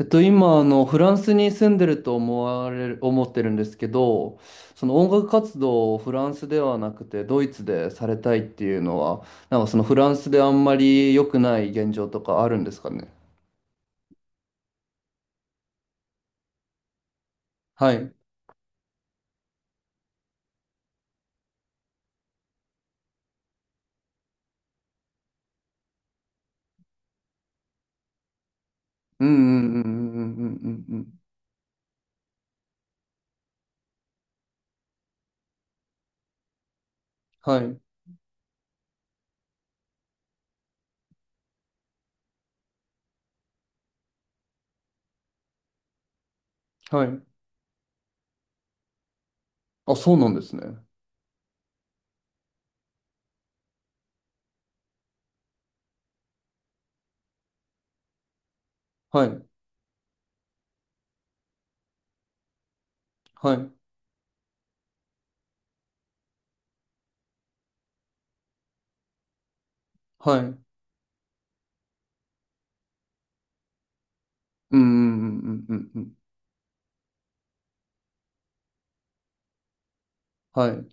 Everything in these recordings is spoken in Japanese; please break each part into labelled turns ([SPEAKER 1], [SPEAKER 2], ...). [SPEAKER 1] 今、フランスに住んでると思ってるんですけど、その音楽活動をフランスではなくて、ドイツでされたいっていうのは、なんかそのフランスであんまり良くない現状とかあるんですかね。はい。うんうんうんうんうんうんうんうん。はい。はい。あ、そうなんですね。はい。はい。はい。うんうんうんうんうんうん。はい。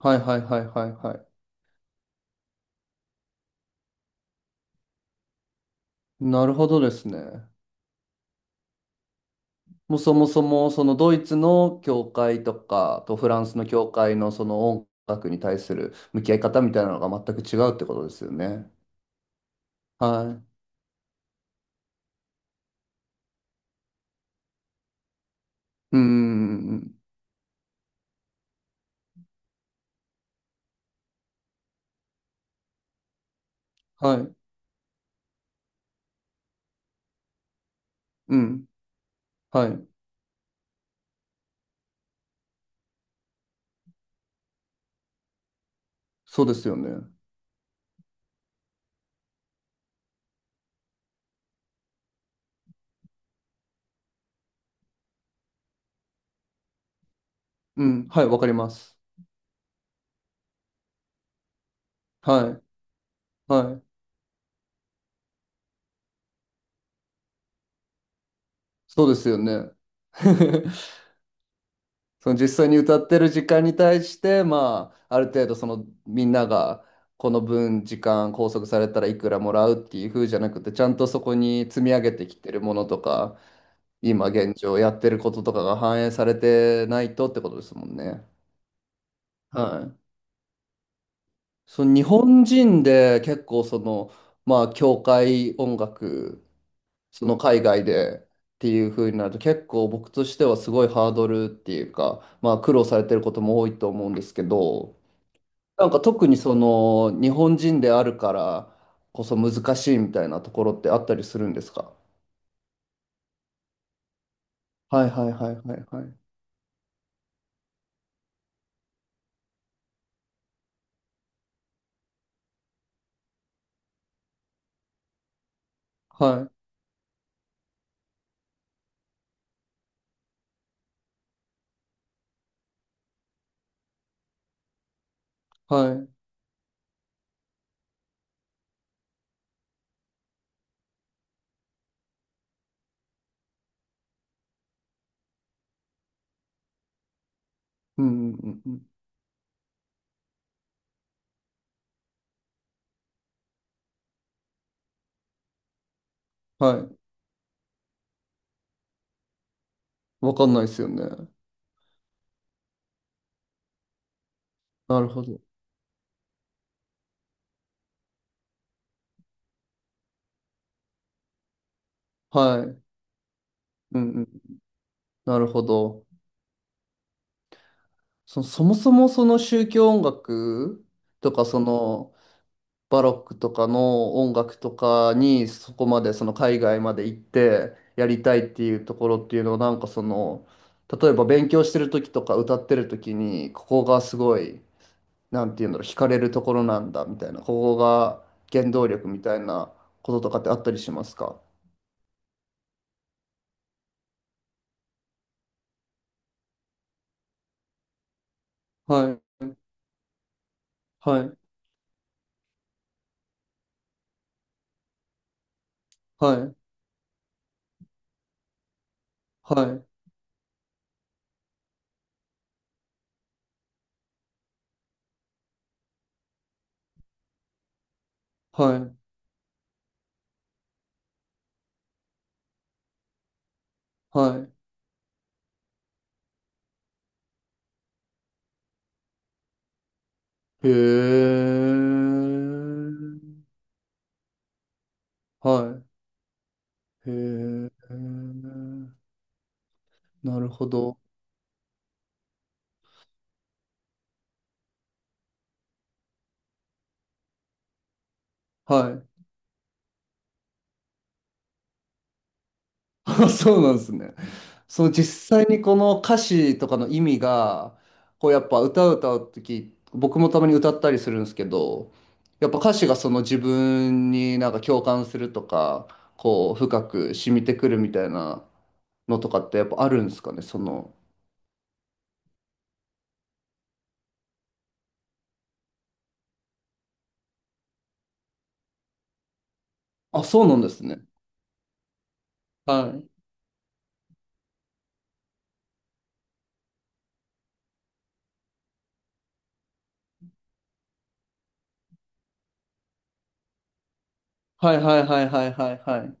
[SPEAKER 1] はいはいはいはいはい。なるほどですね。もうそもそもそのドイツの教会とかとフランスの教会のその音楽に対する向き合い方みたいなのが全く違うってことですよね。はい。うん。うん。はい。うん。はい。そうですよね。うん。はい。わかります。はい。はい。そうですよね。その実際に歌ってる時間に対して、まあ、ある程度そのみんながこの分時間拘束されたらいくらもらうっていう風じゃなくて、ちゃんとそこに積み上げてきてるものとか、今現状やってることとかが反映されてないとってことですもんね。はい。その日本人で結構その、まあ、教会音楽、その海外でっていう風になると結構僕としてはすごいハードルっていうか、まあ、苦労されてることも多いと思うんですけど、なんか特にその日本人であるからこそ難しいみたいなところってあったりするんですか？はいはいはいはいはい。はいはい。うんうんうんうん。はい。わかんないですよね。なるほど。はい。うんうん。なるほど。そもそもその宗教音楽とか、そのバロックとかの音楽とかに、そこまで、その海外まで行ってやりたいっていうところっていうのは、なんかその、例えば勉強してる時とか歌ってる時に、ここがすごい、なんていうんだろう、惹かれるところなんだみたいな、ここが原動力みたいなこととかってあったりしますか？はい、はい、はい、はい。はい。はい。へえ。はい。へえ。なるほど。はい。あ、そうなんですね。その実際にこの歌詞とかの意味が、こうやっぱ歌う時僕もたまに歌ったりするんですけど、やっぱ歌詞がその自分になんか共感するとか、こう深く染みてくるみたいなのとかってやっぱあるんですかね、その。あ、そうなんですね。はい。はいはいはいはいはいはい。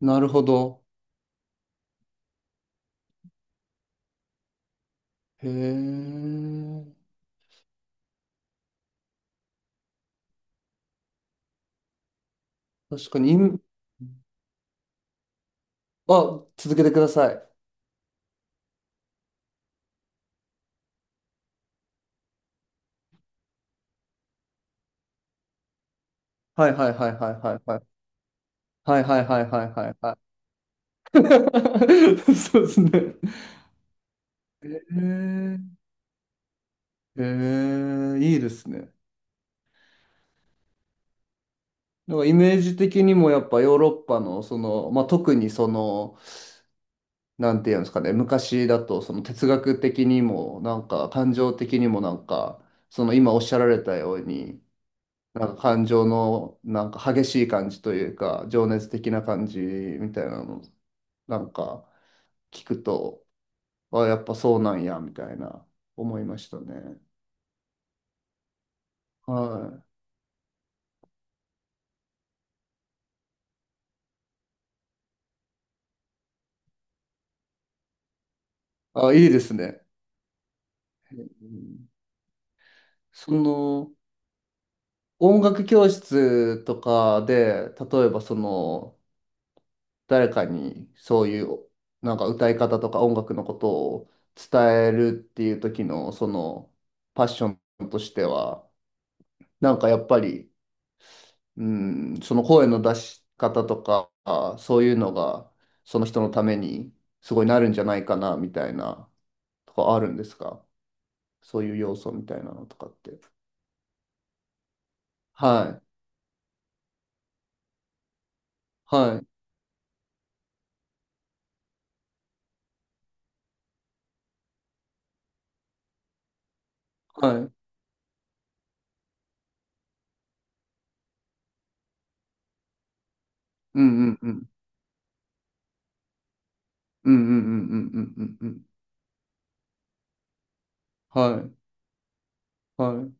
[SPEAKER 1] なるほど。へえ。確かに、今あ、続けてください。はいはいはいはいはいはい。はいはいはいはいはいはい。そうですね。へえ。へえ、いいですね。なんかイメージ的にもやっぱヨーロッパのその、まあ、特にその、なんていうんですかね、昔だとその哲学的にもなんか感情的にもなんか、その今おっしゃられたように、なんか感情のなんか激しい感じというか、情熱的な感じみたいなの、なんか聞くと、あ、やっぱそうなんや、みたいな思いましたね。はい。あ、いいですね。うん。その、音楽教室とかで、例えばその、誰かにそういう、なんか歌い方とか音楽のことを伝えるっていう時の、その、パッションとしては、なんかやっぱり、うん、その声の出し方とか、そういうのが、その人のためにすごいなるんじゃないかな、みたいな、とかあるんですか？そういう要素みたいなのとかって。はい、はい、はい。うんうんうん。うんうんうんうんうんうんうん。はい、はい。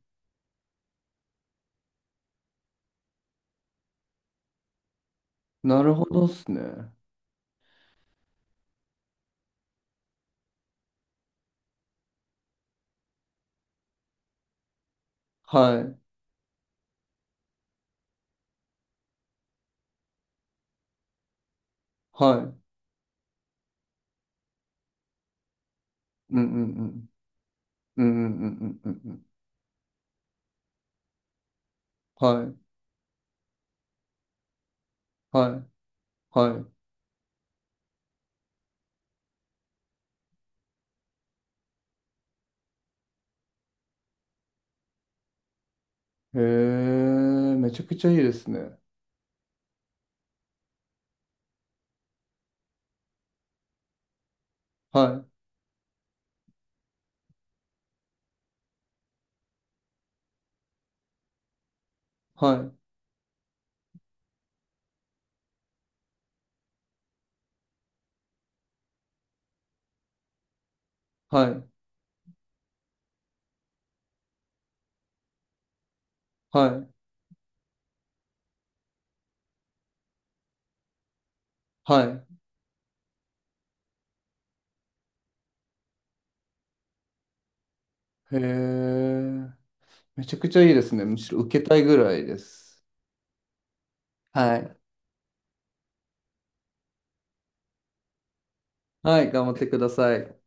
[SPEAKER 1] なるほどっすね。はい、はい。うんうんうん。うんうんうんうんうんうん。はい、はい、はい。へえ、めちゃくちゃいいですね。はい、はい、はい。はいはい。へえ。めちゃくちゃいいですね。むしろ受けたいぐらいです。はい。はい、頑張ってください。